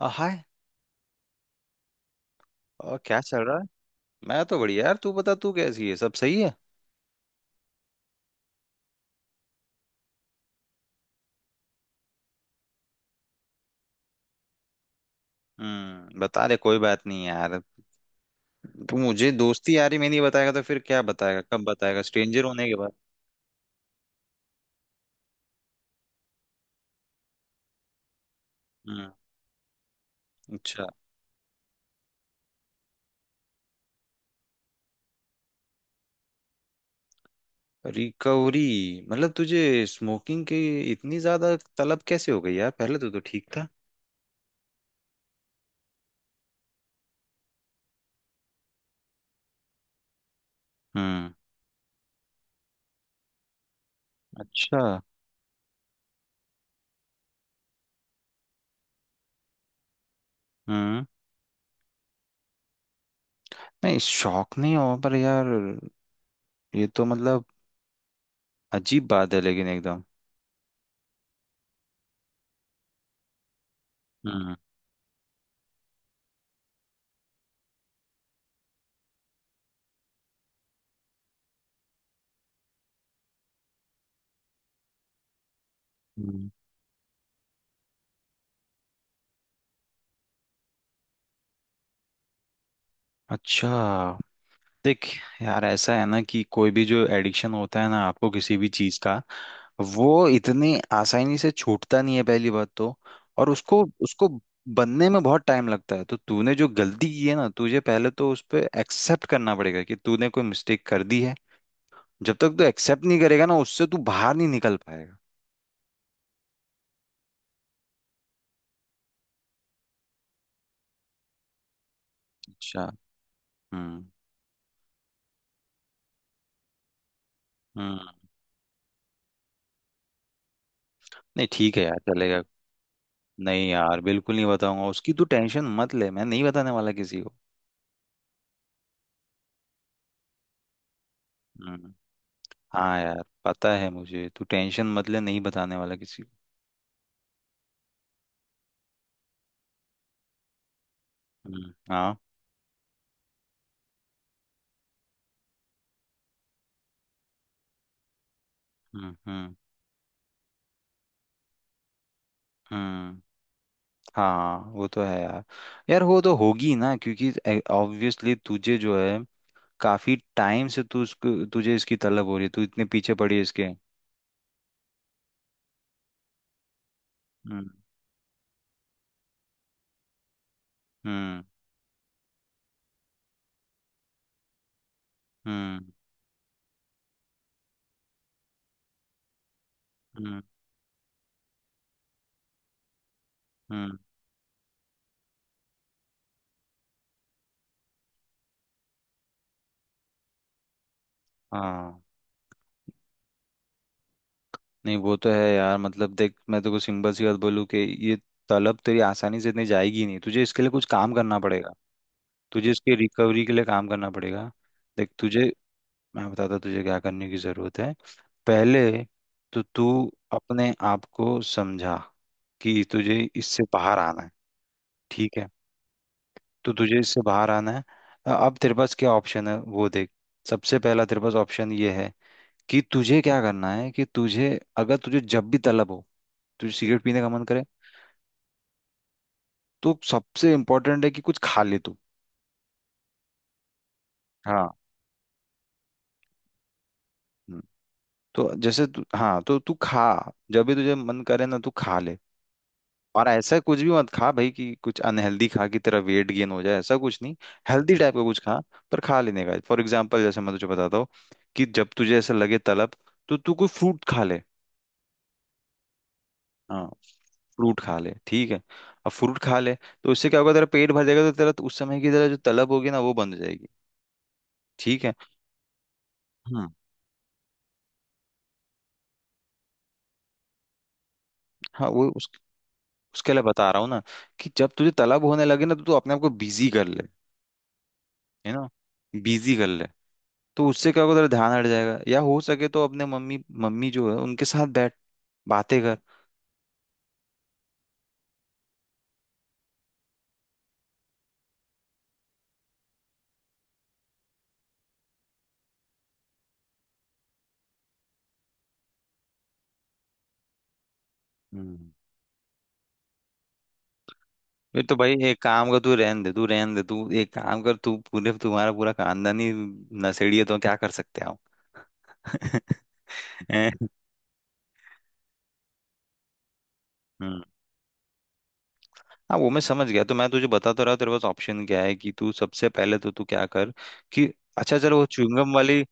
हाय। और क्या चल रहा है? मैं तो बढ़िया यार। तू बता, तू कैसी है? सब सही है? बता दे, कोई बात नहीं यार। तू मुझे दोस्ती यारी में नहीं बताएगा तो फिर क्या बताएगा? कब बताएगा, स्ट्रेंजर होने के बाद? हम्म। अच्छा। रिकवरी? मतलब तुझे स्मोकिंग की इतनी ज्यादा तलब कैसे हो गई यार? पहले तो ठीक था। हम्म। अच्छा। हम्म। नहीं, शौक नहीं हो पर यार, ये तो मतलब, अजीब बात है लेकिन एकदम। हम्म। हम्म। अच्छा, देख यार, ऐसा है ना कि कोई भी जो एडिक्शन होता है ना आपको किसी भी चीज का, वो इतनी आसानी से छूटता नहीं है, पहली बात तो। और उसको उसको बनने में बहुत टाइम लगता है, तो तूने जो गलती की है ना, तुझे पहले तो उस पे एक्सेप्ट करना पड़ेगा कि तूने कोई मिस्टेक कर दी है। जब तक तू एक्सेप्ट नहीं करेगा ना, उससे तू बाहर नहीं निकल पाएगा। अच्छा। हम्म। हम्म। नहीं, ठीक है यार, चलेगा। नहीं यार, बिल्कुल नहीं बताऊंगा, उसकी तू टेंशन मत ले, मैं नहीं बताने वाला किसी को। हम्म। हाँ यार, पता है मुझे, तू टेंशन मत ले, नहीं बताने वाला किसी को। हम्म। हाँ। हम्म। हम्म। हम्म। हाँ, वो तो है यार। यार वो तो होगी ना, क्योंकि ऑब्वियसली तुझे जो है, काफी टाइम से तू उसको, तुझे इसकी तलब हो रही है, तू इतने पीछे पड़ी है इसके। हम्म। हम्म। हम्म। हम्म। हम्म। हाँ। नहीं, वो तो है यार। मतलब देख, मैं तेको सिंपल सी बात बोलूँ कि ये तलब तेरी आसानी से इतनी जाएगी नहीं, तुझे इसके लिए कुछ काम करना पड़ेगा। तुझे इसके रिकवरी के लिए काम करना पड़ेगा। देख तुझे, मैं बताता तुझे क्या करने की ज़रूरत है। पहले तो तू अपने आप को समझा कि तुझे इससे बाहर आना है। ठीक है, तो तुझे इससे बाहर आना है। अब तेरे पास क्या ऑप्शन है वो देख। सबसे पहला तेरे पास ऑप्शन ये है कि तुझे क्या करना है, कि तुझे, अगर तुझे जब भी तलब हो, तुझे सिगरेट पीने का मन करे, तो सबसे इम्पोर्टेंट है कि कुछ खा ले तू। हाँ, तो जैसे तू, हाँ तो तू खा, जब भी तुझे मन करे ना तू खा ले। और ऐसा कुछ भी मत खा भाई कि कुछ अनहेल्दी खा कि तेरा वेट गेन हो जाए, ऐसा कुछ नहीं। हेल्दी टाइप का कुछ खा। पर खा लेने का, फॉर एग्जाम्पल जैसे मैं तुझे बताता हूँ, कि जब तुझे ऐसा लगे तलब, तो तू कोई फ्रूट खा ले। हाँ, फ्रूट खा ले, ठीक है। अब फ्रूट खा ले, तो उससे क्या होगा, तेरा पेट भर जाएगा, तो तेरा, तो उस समय की तेरा जो तलब होगी ना वो बंद हो जाएगी। ठीक है। हम्म। हाँ वो उसके लिए बता रहा हूँ ना, कि जब तुझे तलब होने लगे ना, तो तू अपने आप को बिजी कर ले, है ना, बिजी कर ले। तो उससे क्या होगा, तेरा ध्यान हट जाएगा, या हो सके तो अपने मम्मी मम्मी जो है उनके साथ बैठ, बातें कर। हम्म। ये तो भाई एक काम कर, तू रहन दे, तू रहन दे। तू एक काम कर, तू पूरे, तुम्हारा पूरा खानदान ही नशेड़ी है, तो क्या कर सकते हैं हम। हैं? हम्म। हाँ वो मैं समझ गया, तो मैं तुझे बता तो रहा हूँ, तेरे पास ऑप्शन क्या है, कि तू सबसे पहले तो तू क्या कर कि, अच्छा चलो वो च्युइंगम वाली।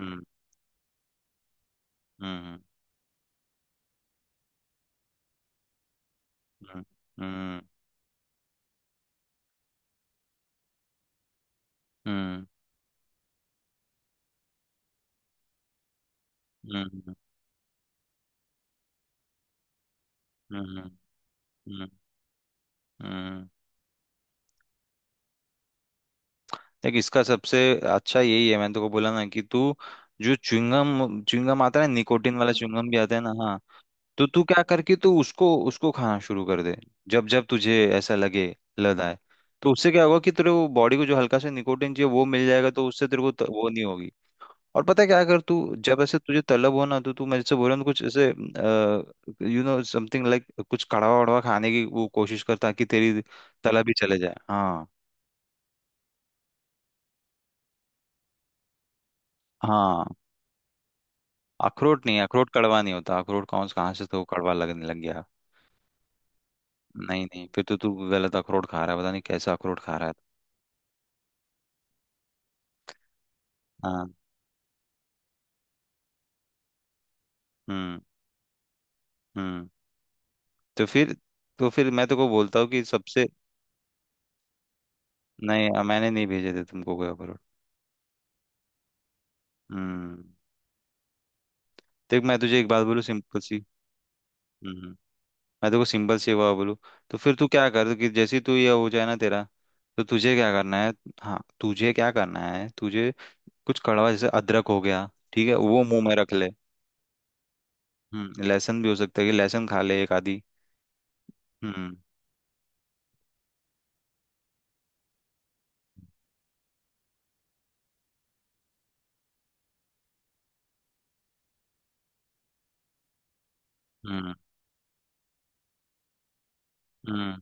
हम्म। हम्म। हम्म। हम्म। हम्म। हम्म। हम्म। हम्म। हम्म। हम्म। देख, इसका सबसे अच्छा यही है, मैंने तो को बोला ना कि तू, जो च्युइंगम च्युइंगम आता है ना, निकोटिन वाला च्युइंगम भी आता है ना, हाँ। तो तू क्या कर कि तू उसको उसको खाना शुरू कर दे, जब जब तुझे ऐसा लगे, लद आए। तो उससे क्या होगा कि तेरे को, बॉडी को जो हल्का सा निकोटिन चाहिए वो मिल जाएगा, तो उससे तेरे को वो नहीं होगी। और पता है क्या कर तू, जब ऐसे तुझे तलब हो ना, तो तू, मेरे से बोल रहा हूँ कुछ ऐसे, यू नो समथिंग लाइक, कुछ कड़वा वड़वा खाने की वो कोशिश कर, ताकि तेरी तलब भी चले जाए, हाँ। हाँ, अखरोट नहीं है, अखरोट कड़वा नहीं होता, अखरोट कौन, कहाँ से तो कड़वा लगने लग गया। नहीं नहीं, फिर तो तू गलत अखरोट खा रहा है, पता नहीं कैसा अखरोट खा रहा है। हाँ। हम्म। हम्म। तो फिर तो फिर मैं तो को बोलता हूँ कि सबसे। नहीं मैंने नहीं भेजे थे तुमको कोई अखरोट। हम्म। देख मैं तुझे एक बात बोलूँ सिंपल सी। हम्म। मैं तो को सिंपल सी एक बात बोलूँ, तो फिर तू क्या कर, कि जैसे ही तू ये हो जाए ना तेरा, तो तुझे क्या करना है। हाँ, तुझे क्या करना है, तुझे कुछ कड़वा, जैसे अदरक हो गया, ठीक है, वो मुंह में रख ले। हम्म, लहसुन भी हो सकता है, कि लहसुन खा ले एक आधी। हम्म। हम्म। हम्म।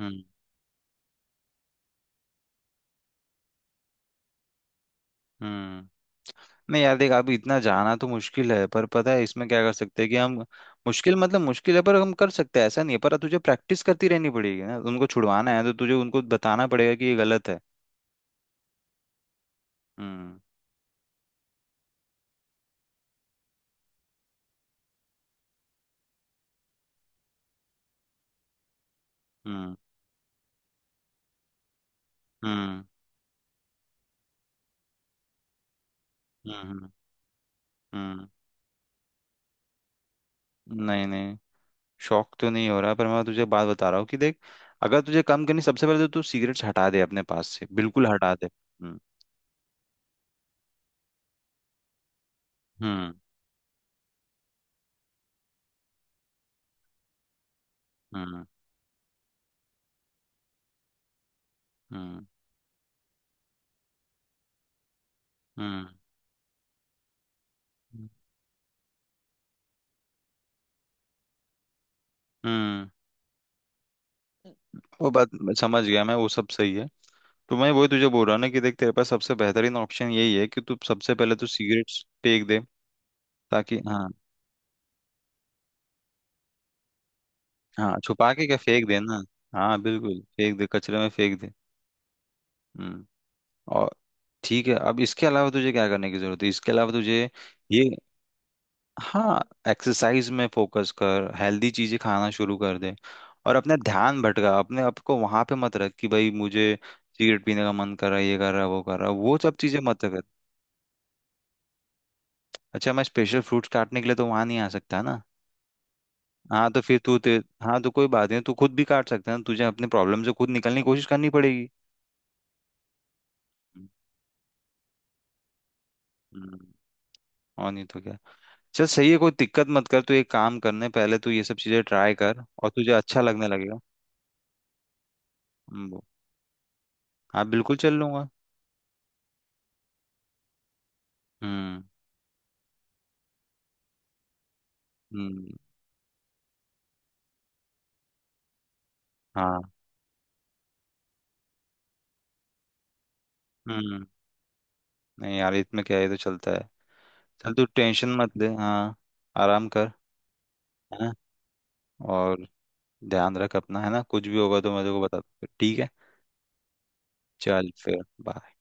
हम्म। हम्म। नहीं यार देख, अभी इतना जाना तो मुश्किल है, पर पता है इसमें क्या कर सकते हैं कि हम। मुश्किल मतलब मुश्किल है, पर हम कर सकते हैं ऐसा नहीं है, पर तुझे प्रैक्टिस करती रहनी पड़ेगी ना, उनको छुड़वाना है तो तुझे उनको बताना पड़ेगा कि ये गलत है। हम्म। हम्म। हम्म। हम्म। हम्म। नहीं नहीं, शौक तो नहीं हो रहा, पर मैं तुझे बात बता रहा हूँ कि देख, अगर तुझे कम करनी, सबसे पहले तो तू सिगरेट्स हटा दे, अपने पास से बिल्कुल हटा दे। हम्म। हम्म। हम्म। हम्म। हम्म। हम्म। वो बात मैं समझ गया, मैं, वो सब सही है। तो मैं वही तुझे बोल रहा हूँ ना कि देख, तेरे पास सबसे बेहतरीन ऑप्शन यही है कि तू सबसे पहले तो सिगरेट्स फेंक दे, ताकि, हाँ। हाँ छुपा के क्या, फेंक दे ना, हाँ बिल्कुल, फेंक दे, कचरे में फेंक दे। हम्म। और ठीक है, अब इसके अलावा तुझे क्या करने की जरूरत है, इसके अलावा तुझे, ये, हाँ, एक्सरसाइज में फोकस कर, हेल्दी चीजें खाना शुरू कर दे। और अपना ध्यान भटका, अपने आप को वहां पे मत रख कि भाई मुझे सिगरेट पीने का मन कर रहा है, ये कर रहा है, वो कर रहा है, वो सब चीजें मत कर। अच्छा, मैं स्पेशल फ्रूट्स काटने के लिए तो वहां नहीं आ सकता ना। हाँ, तो फिर तू ते हाँ, तो कोई बात नहीं, तू खुद भी काट सकता है ना, तुझे अपने प्रॉब्लम से खुद निकलने की कोशिश करनी पड़ेगी। हम्म। और नहीं तो क्या। चल सही है, कोई दिक्कत मत कर, तू एक काम करने पहले तू ये सब चीजें ट्राई कर, और तुझे अच्छा लगने लगेगा। हम्म। हाँ, बिल्कुल चल लूंगा। हम्म। हम्म। हाँ। हम्म। नहीं यार, इसमें क्या है, ये तो चलता है। चल, तू टेंशन मत ले, हाँ, आराम कर, है ना। और ध्यान रख अपना, है ना, कुछ भी होगा तो मैं तेरे को बता दूँ, ठीक है। चल फिर। bye।